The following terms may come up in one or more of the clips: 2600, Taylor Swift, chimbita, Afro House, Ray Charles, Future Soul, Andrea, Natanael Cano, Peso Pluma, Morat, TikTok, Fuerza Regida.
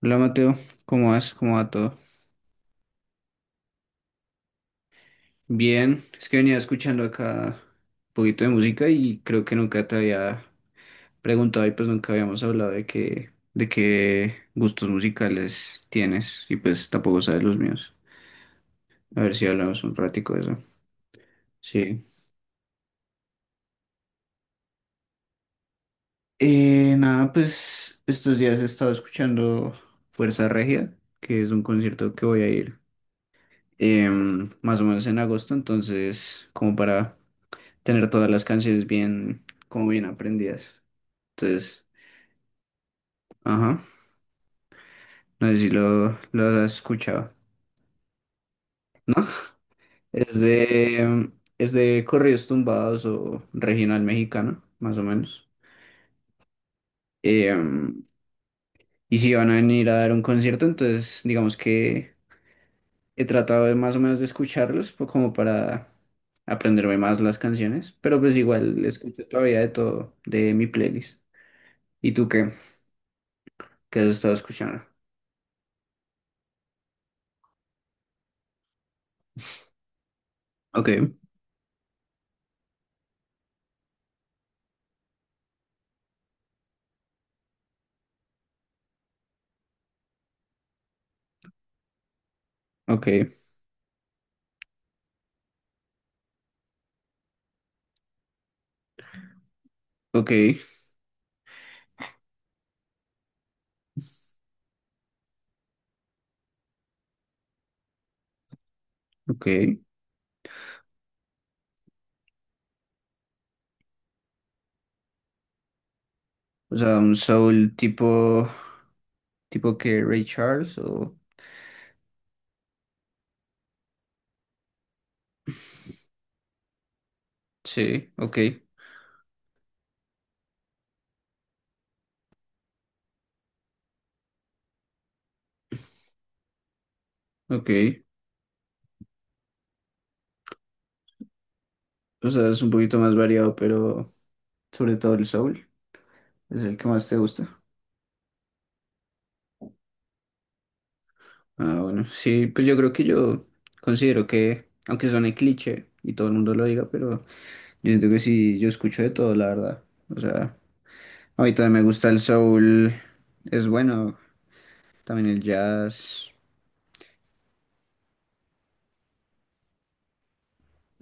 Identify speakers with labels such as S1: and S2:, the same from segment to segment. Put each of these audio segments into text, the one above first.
S1: Hola Mateo, ¿cómo vas? ¿Cómo va todo? Bien, es que venía escuchando acá un poquito de música y creo que nunca te había preguntado y pues nunca habíamos hablado de qué gustos musicales tienes y pues tampoco sabes los míos. A ver si hablamos un ratico de eso. Sí. Nada, pues estos días he estado escuchando Fuerza Regia, que es un concierto que voy a ir más o menos en agosto, entonces como para tener todas las canciones bien, como bien aprendidas. Entonces, ajá, no sé si lo has escuchado, ¿no? Es de, es de corridos tumbados o regional mexicano, más o menos. Em, y si van a venir a dar un concierto, entonces digamos que he tratado de más o menos de como para aprenderme más las canciones, pero pues igual escucho todavía de todo de mi playlist. ¿Y tú qué? ¿Qué has estado escuchando? Ok, ok, ok. Ok. O sea, tipo que Ray Charles o... Sí, ok, ok. O sea, es un poquito más variado, pero sobre todo el soul es el que más te gusta. Ah, bueno, sí, pues yo creo que yo considero que, aunque suene cliché y todo el mundo lo diga, pero yo siento que sí, yo escucho de todo, la verdad. O sea, a mí también me gusta el soul, es bueno, también el jazz.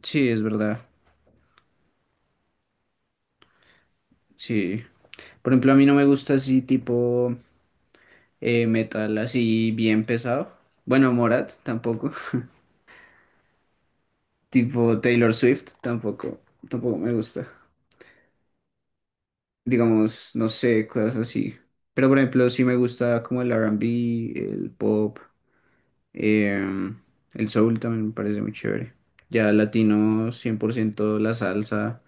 S1: Sí, es verdad, sí. Por ejemplo, a mí no me gusta así tipo... metal así bien pesado. Bueno, Morat tampoco. Tipo Taylor Swift tampoco. Tampoco me gusta. Digamos, no sé, cosas así. Pero por ejemplo, sí me gusta como el R&B, el pop, em, el soul también me parece muy chévere. Ya latino, 100% la salsa,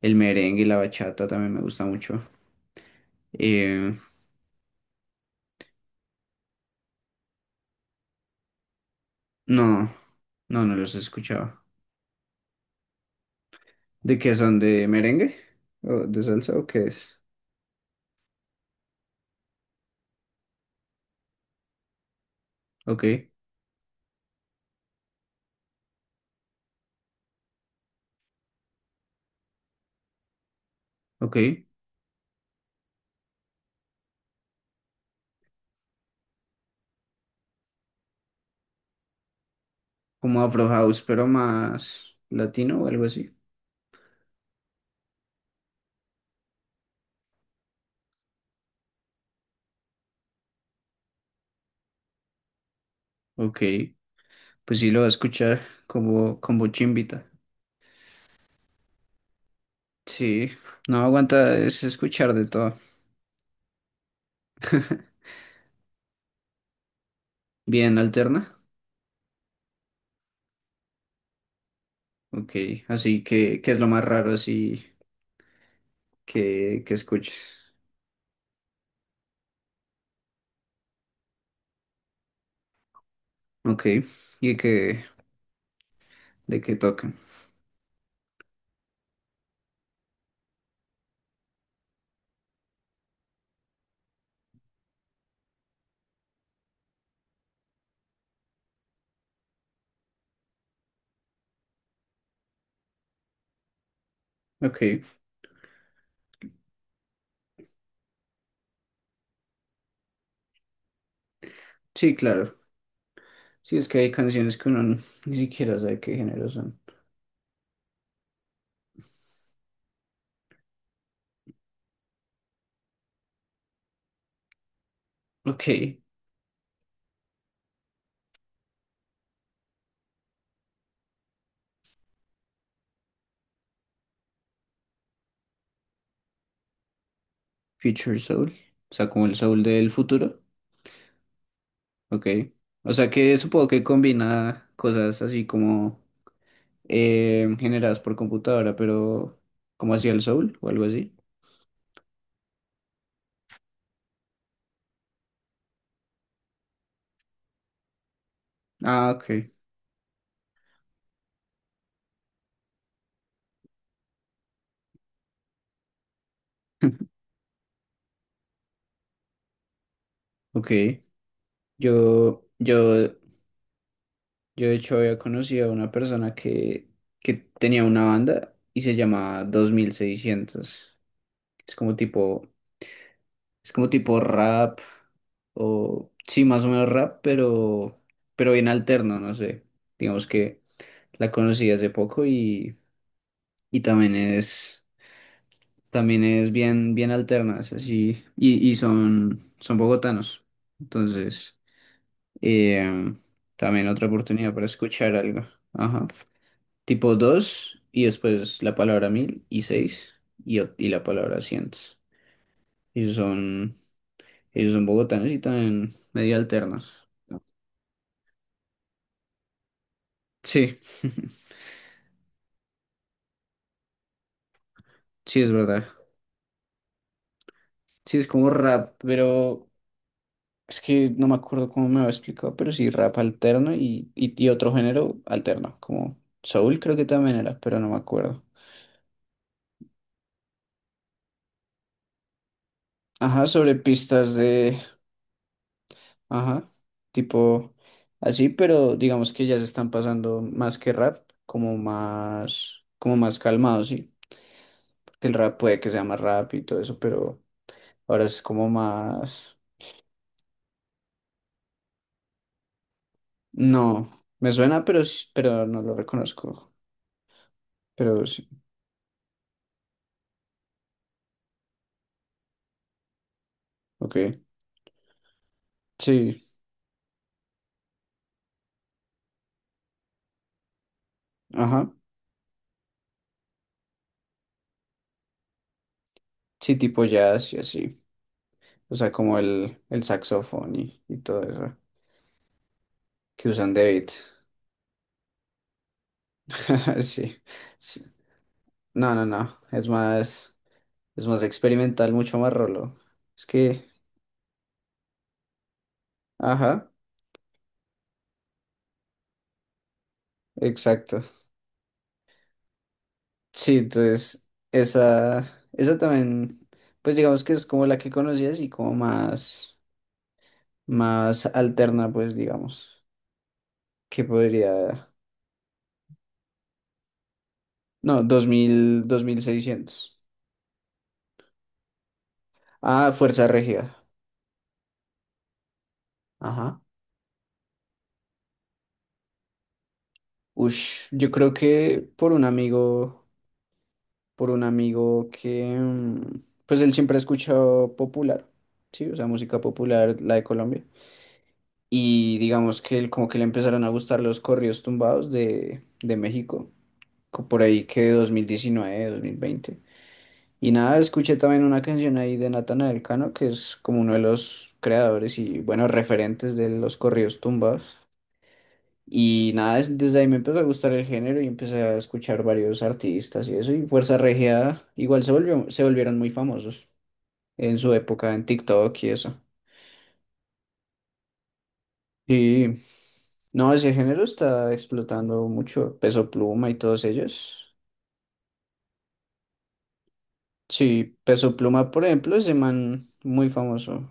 S1: el merengue y la bachata también me gusta mucho. Em, no, no, no los he escuchado. ¿De qué son? ¿De merengue? ¿O de salsa? ¿O qué es? Ok, ok. Como Afro House, pero más latino o algo así. Ok, pues sí lo va a escuchar como chimbita. Sí, no aguanta es escuchar de todo. Bien alterna. Ok, así que, ¿qué es lo más raro así que escuches? Ok, y que, de qué tocan. Ok, sí, claro. Sí, es que hay canciones que ni siquiera sabe qué género son. Ok, Future Soul. O sea, como el soul del futuro. Ok. O sea que supongo que combina cosas así como generadas por computadora, pero como hacía el Soul o algo así. Ah, ok. Ok. Yo, yo, yo de hecho había conocido a una persona que tenía una banda y se llama 2600. Es como tipo, es como tipo rap o sí, más o menos rap, pero bien alterno, no sé. Digamos que la conocí hace poco. Y también es bien, bien alternas, así, y son, son bogotanos. Entonces, eh, también otra oportunidad para escuchar algo. Ajá. Tipo 2 y después la palabra mil y seis y, y la palabra cientos. Ellos son, ellos son bogotanos y también medio alternos. Sí, sí es verdad. Sí es como rap, pero es que no me acuerdo cómo me lo explicado, pero sí, rap alterno y otro género alterno, como soul creo que también era, pero no me acuerdo. Ajá, sobre pistas de, ajá, tipo así, pero digamos que ya se están pasando más que rap, como más calmado, sí, porque el rap puede que sea más rap y todo eso, pero ahora es como más, no, me suena, pero no lo reconozco, pero sí, ok, sí, ajá, sí, tipo jazz y así. O sea, como el saxofón y todo eso que usan de beat. Sí, sí. No, no, no. Es más experimental, mucho más rolo. Es que, ajá, exacto. Sí, entonces, esa también, pues digamos que es como la que conocías y como más, más alterna, pues digamos, que podría, no, dos dos mil dos mil seiscientos. Ah, Fuerza Regida. Ajá. Ush, yo creo que por un amigo. Por un amigo que, mm, pues él siempre ha escuchado popular, ¿sí? O sea, música popular, la de Colombia. Y digamos que él, como que le empezaron a gustar los corridos tumbados de México, por ahí que 2019, 2020. Y nada, escuché también una canción ahí de Natanael Cano, que es como uno de los creadores y, bueno, referentes de los corridos tumbados. Y nada, desde ahí me empezó a gustar el género y empecé a escuchar varios artistas y eso. Y Fuerza Regida se volvieron muy famosos en su época en TikTok y eso. Sí, no, ese género está explotando mucho. Peso Pluma y todos ellos. Sí, Peso Pluma, por ejemplo, ese man muy famoso.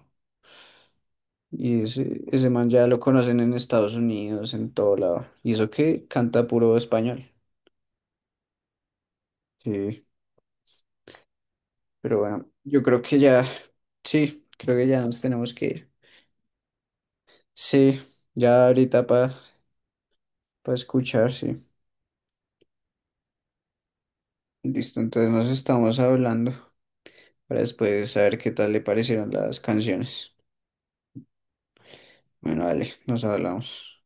S1: Y ese man ya lo conocen en Estados Unidos, en todo lado. Y eso que canta puro español. Sí, pero bueno, yo creo que ya. Sí, creo que ya nos tenemos que ir. Sí, ya ahorita para escuchar, sí. Listo, entonces nos estamos hablando para después saber qué tal le parecieron las canciones. Bueno, vale, nos hablamos.